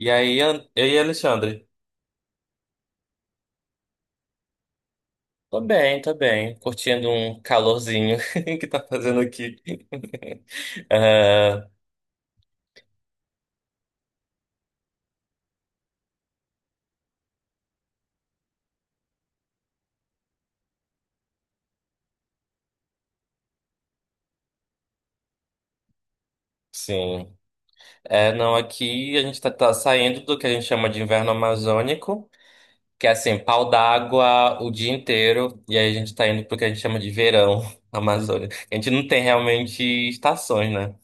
E aí, e aí, Alexandre? Tô bem, tô bem. Curtindo um calorzinho que tá fazendo aqui. Ah, sim. Não, aqui a gente tá saindo do que a gente chama de inverno amazônico, que é assim, pau d'água o dia inteiro, e aí a gente tá indo pro que a gente chama de verão amazônico. A gente não tem realmente estações, né?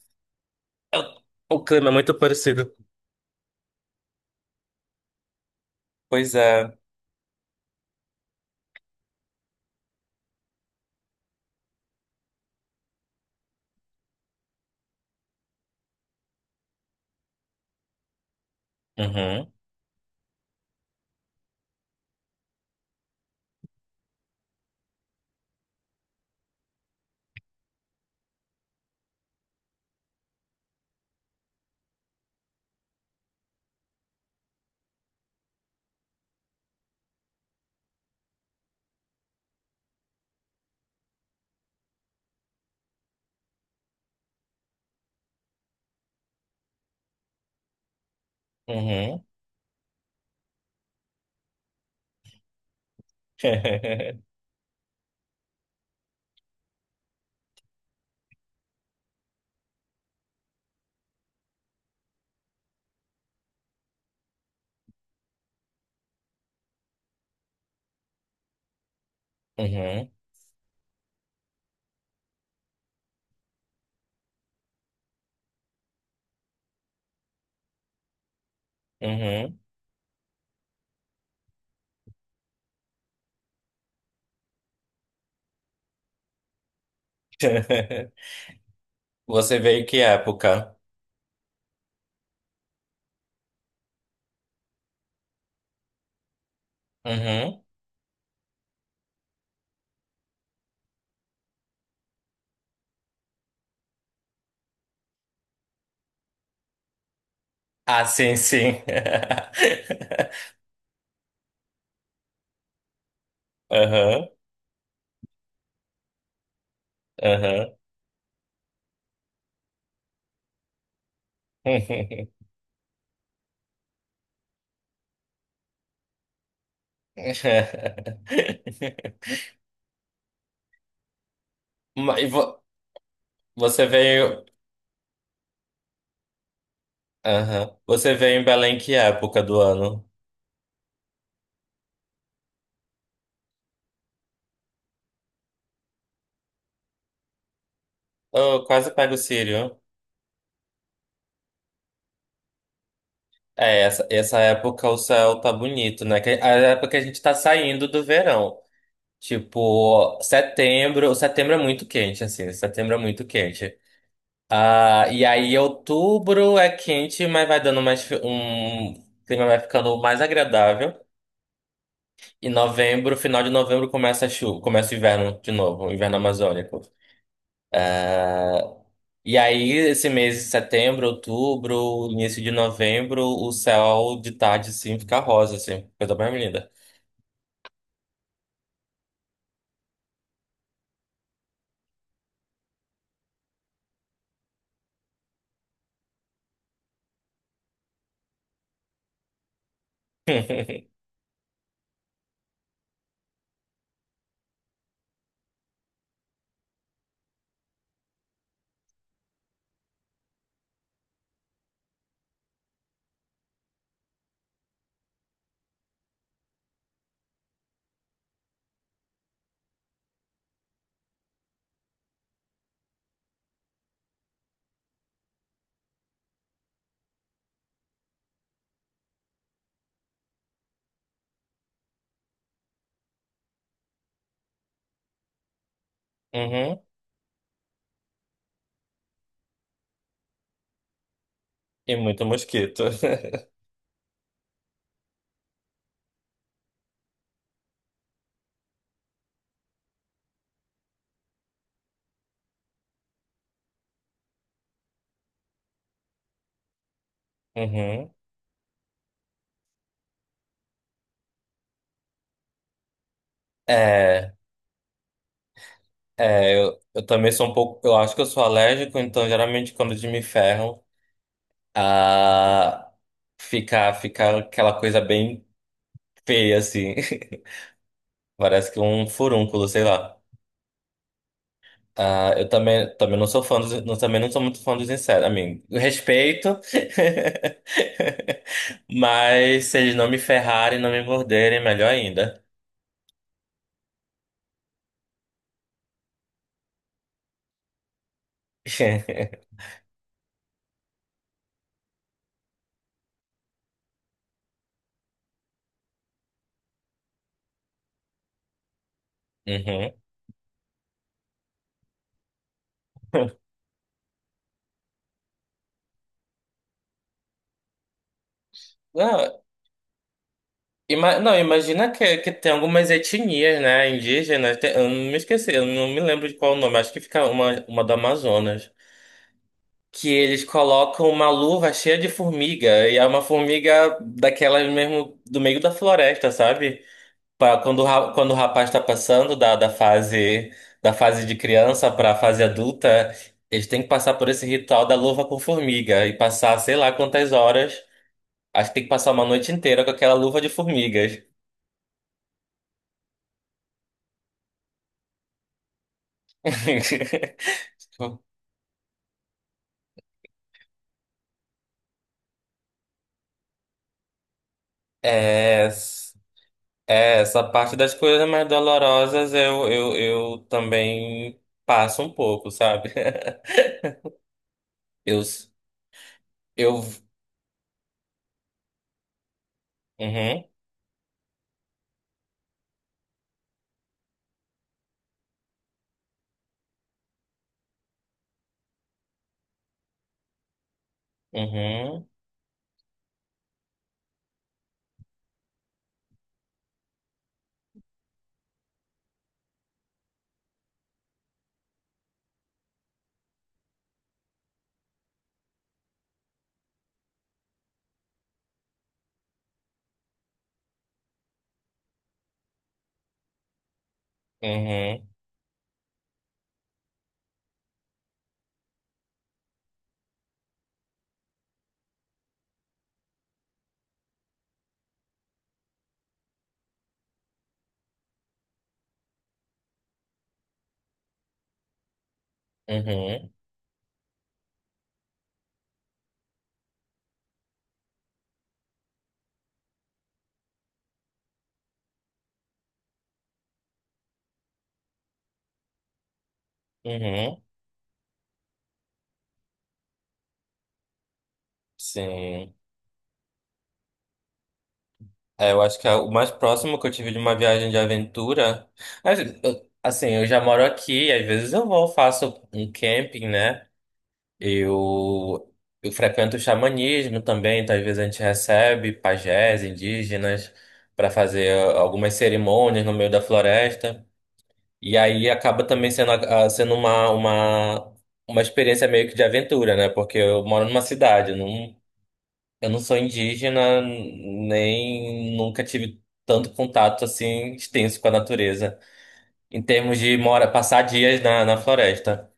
O clima é muito parecido. Pois é. Uhum, uhum. Uhum, uhum. Você veio que época? Uhum. Ah, sim, sim. Aham, aham. Mas e vo- Você veio. Aham. Você veio em Belém que época do ano? Eu quase pego o Círio. É, essa época o céu tá bonito, né? Que é a época que a gente tá saindo do verão. Tipo, setembro. Setembro é muito quente, assim. Setembro é muito quente. Ah, e aí outubro é quente, mas vai dando mais fi- um o clima vai ficando mais agradável. E novembro, final de novembro começa a chuva, começa o inverno de novo, o inverno amazônico. E aí esse mês de setembro, outubro, início de novembro, o céu de tarde sim fica rosa assim, coisa mais linda. Uhum. E muito mosquito. Uhum. É, eu também sou um pouco, eu acho que eu sou alérgico, então geralmente quando eles me ferram a ficar aquela coisa bem feia, assim. Parece que um furúnculo, sei lá. Ah, eu também, também não sou fã dos, não, também não sou muito fã dos insetos. A mim, respeito, mas se eles não me ferrarem, não me morderem, melhor ainda. Uhum. Não, não, imagina que tem algumas etnias, né, indígenas. Eu não me esqueci, eu não me lembro de qual o nome. Acho que fica uma do Amazonas. Que eles colocam uma luva cheia de formiga e é uma formiga daquelas mesmo do meio da floresta, sabe? Pra quando, quando o rapaz está passando da fase de criança para a fase adulta, eles têm que passar por esse ritual da luva com formiga e passar sei lá quantas horas. Acho que tem que passar uma noite inteira com aquela luva de formigas. É. É, essa parte das coisas mais dolorosas eu também passo um pouco, sabe? Eu, eu, uhum, uhum, uhum, uhum, uhum, sim. É, eu acho que é o mais próximo que eu tive de uma viagem de aventura, mas, assim, eu já moro aqui, às vezes eu vou, faço um camping, né? Eu, eu frequento o xamanismo também, então às vezes a gente recebe pajés indígenas para fazer algumas cerimônias no meio da floresta. E aí acaba também sendo, sendo uma experiência meio que de aventura, né? Porque eu moro numa cidade, eu não sou indígena, nem nunca tive tanto contato assim extenso com a natureza, em termos de mora, passar dias na, na floresta.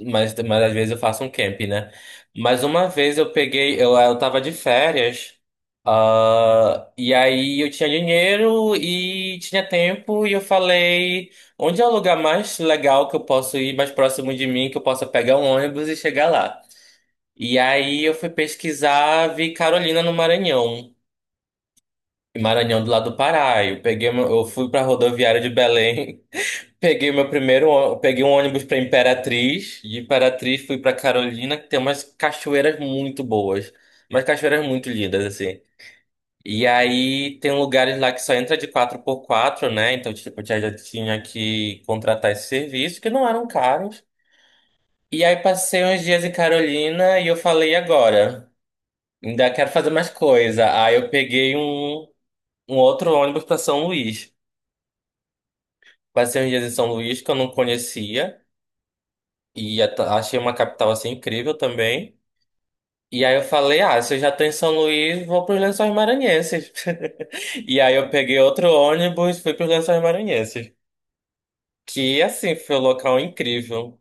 Mas às vezes eu faço um camp, né? Mas uma vez eu peguei, eu tava de férias, e aí eu tinha dinheiro e tinha tempo, e eu falei, onde é o lugar mais legal que eu posso ir, mais próximo de mim, que eu possa pegar um ônibus e chegar lá? E aí eu fui pesquisar, vi Carolina no Maranhão, Maranhão do lado do Pará. Eu peguei, eu fui pra rodoviária de Belém. Peguei meu peguei um ônibus para Imperatriz, de Imperatriz fui para Carolina, que tem umas cachoeiras muito boas, umas cachoeiras muito lindas assim. E aí tem lugares lá que só entra de quatro por quatro, né? Então, tipo, eu já tinha que contratar esse serviço, que não eram caros. E aí passei uns dias em Carolina e eu falei, "E agora, ainda quero fazer mais coisa." Aí eu peguei um outro ônibus para São Luís. Passei uns dias em São Luís que eu não conhecia. E achei uma capital assim incrível também. E aí eu falei, ah, se eu já tô em São Luís, vou pros Lençóis Maranhenses. E aí eu peguei outro ônibus, fui pros Lençóis Maranhenses. Que assim, foi um local incrível.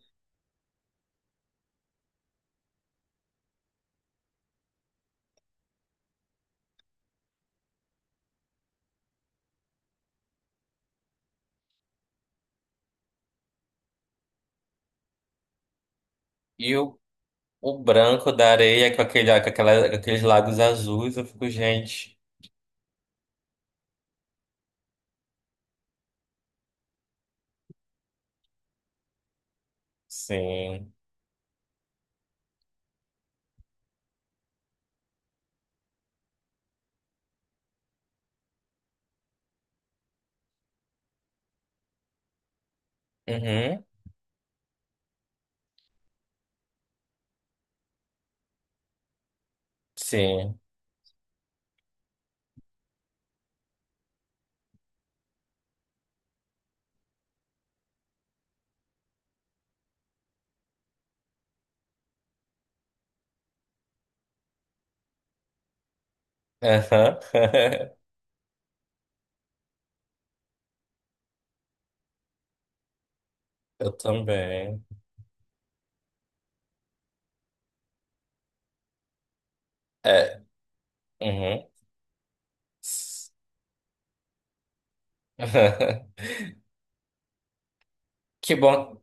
E o branco da areia com, aquele, com aqueles lagos azuis, eu fico, gente. Sim. Uhum. Sim. Aham. Eu também. É. Uhum. Que bom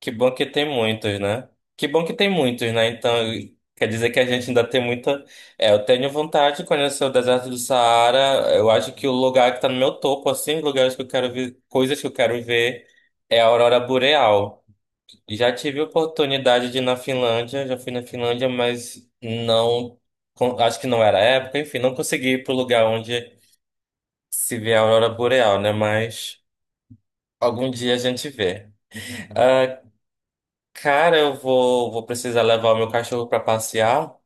Que bom que tem muitos, né? Que bom que tem muitos, né? Então, quer dizer que a gente ainda tem muita. É, eu tenho vontade de conhecer o deserto do Saara. Eu acho que o lugar que tá no meu topo, assim, lugares que eu quero ver, coisas que eu quero ver, é a aurora boreal. Já tive a oportunidade de ir na Finlândia, já fui na Finlândia, mas não. Acho que não era a época, enfim, não consegui ir pro lugar onde se vê a aurora boreal, né? Mas algum dia a gente vê. Ah, cara, eu vou, vou precisar levar o meu cachorro pra passear.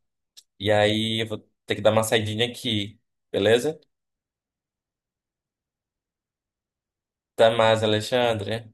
E aí eu vou ter que dar uma saidinha aqui, beleza? Até mais, Alexandre.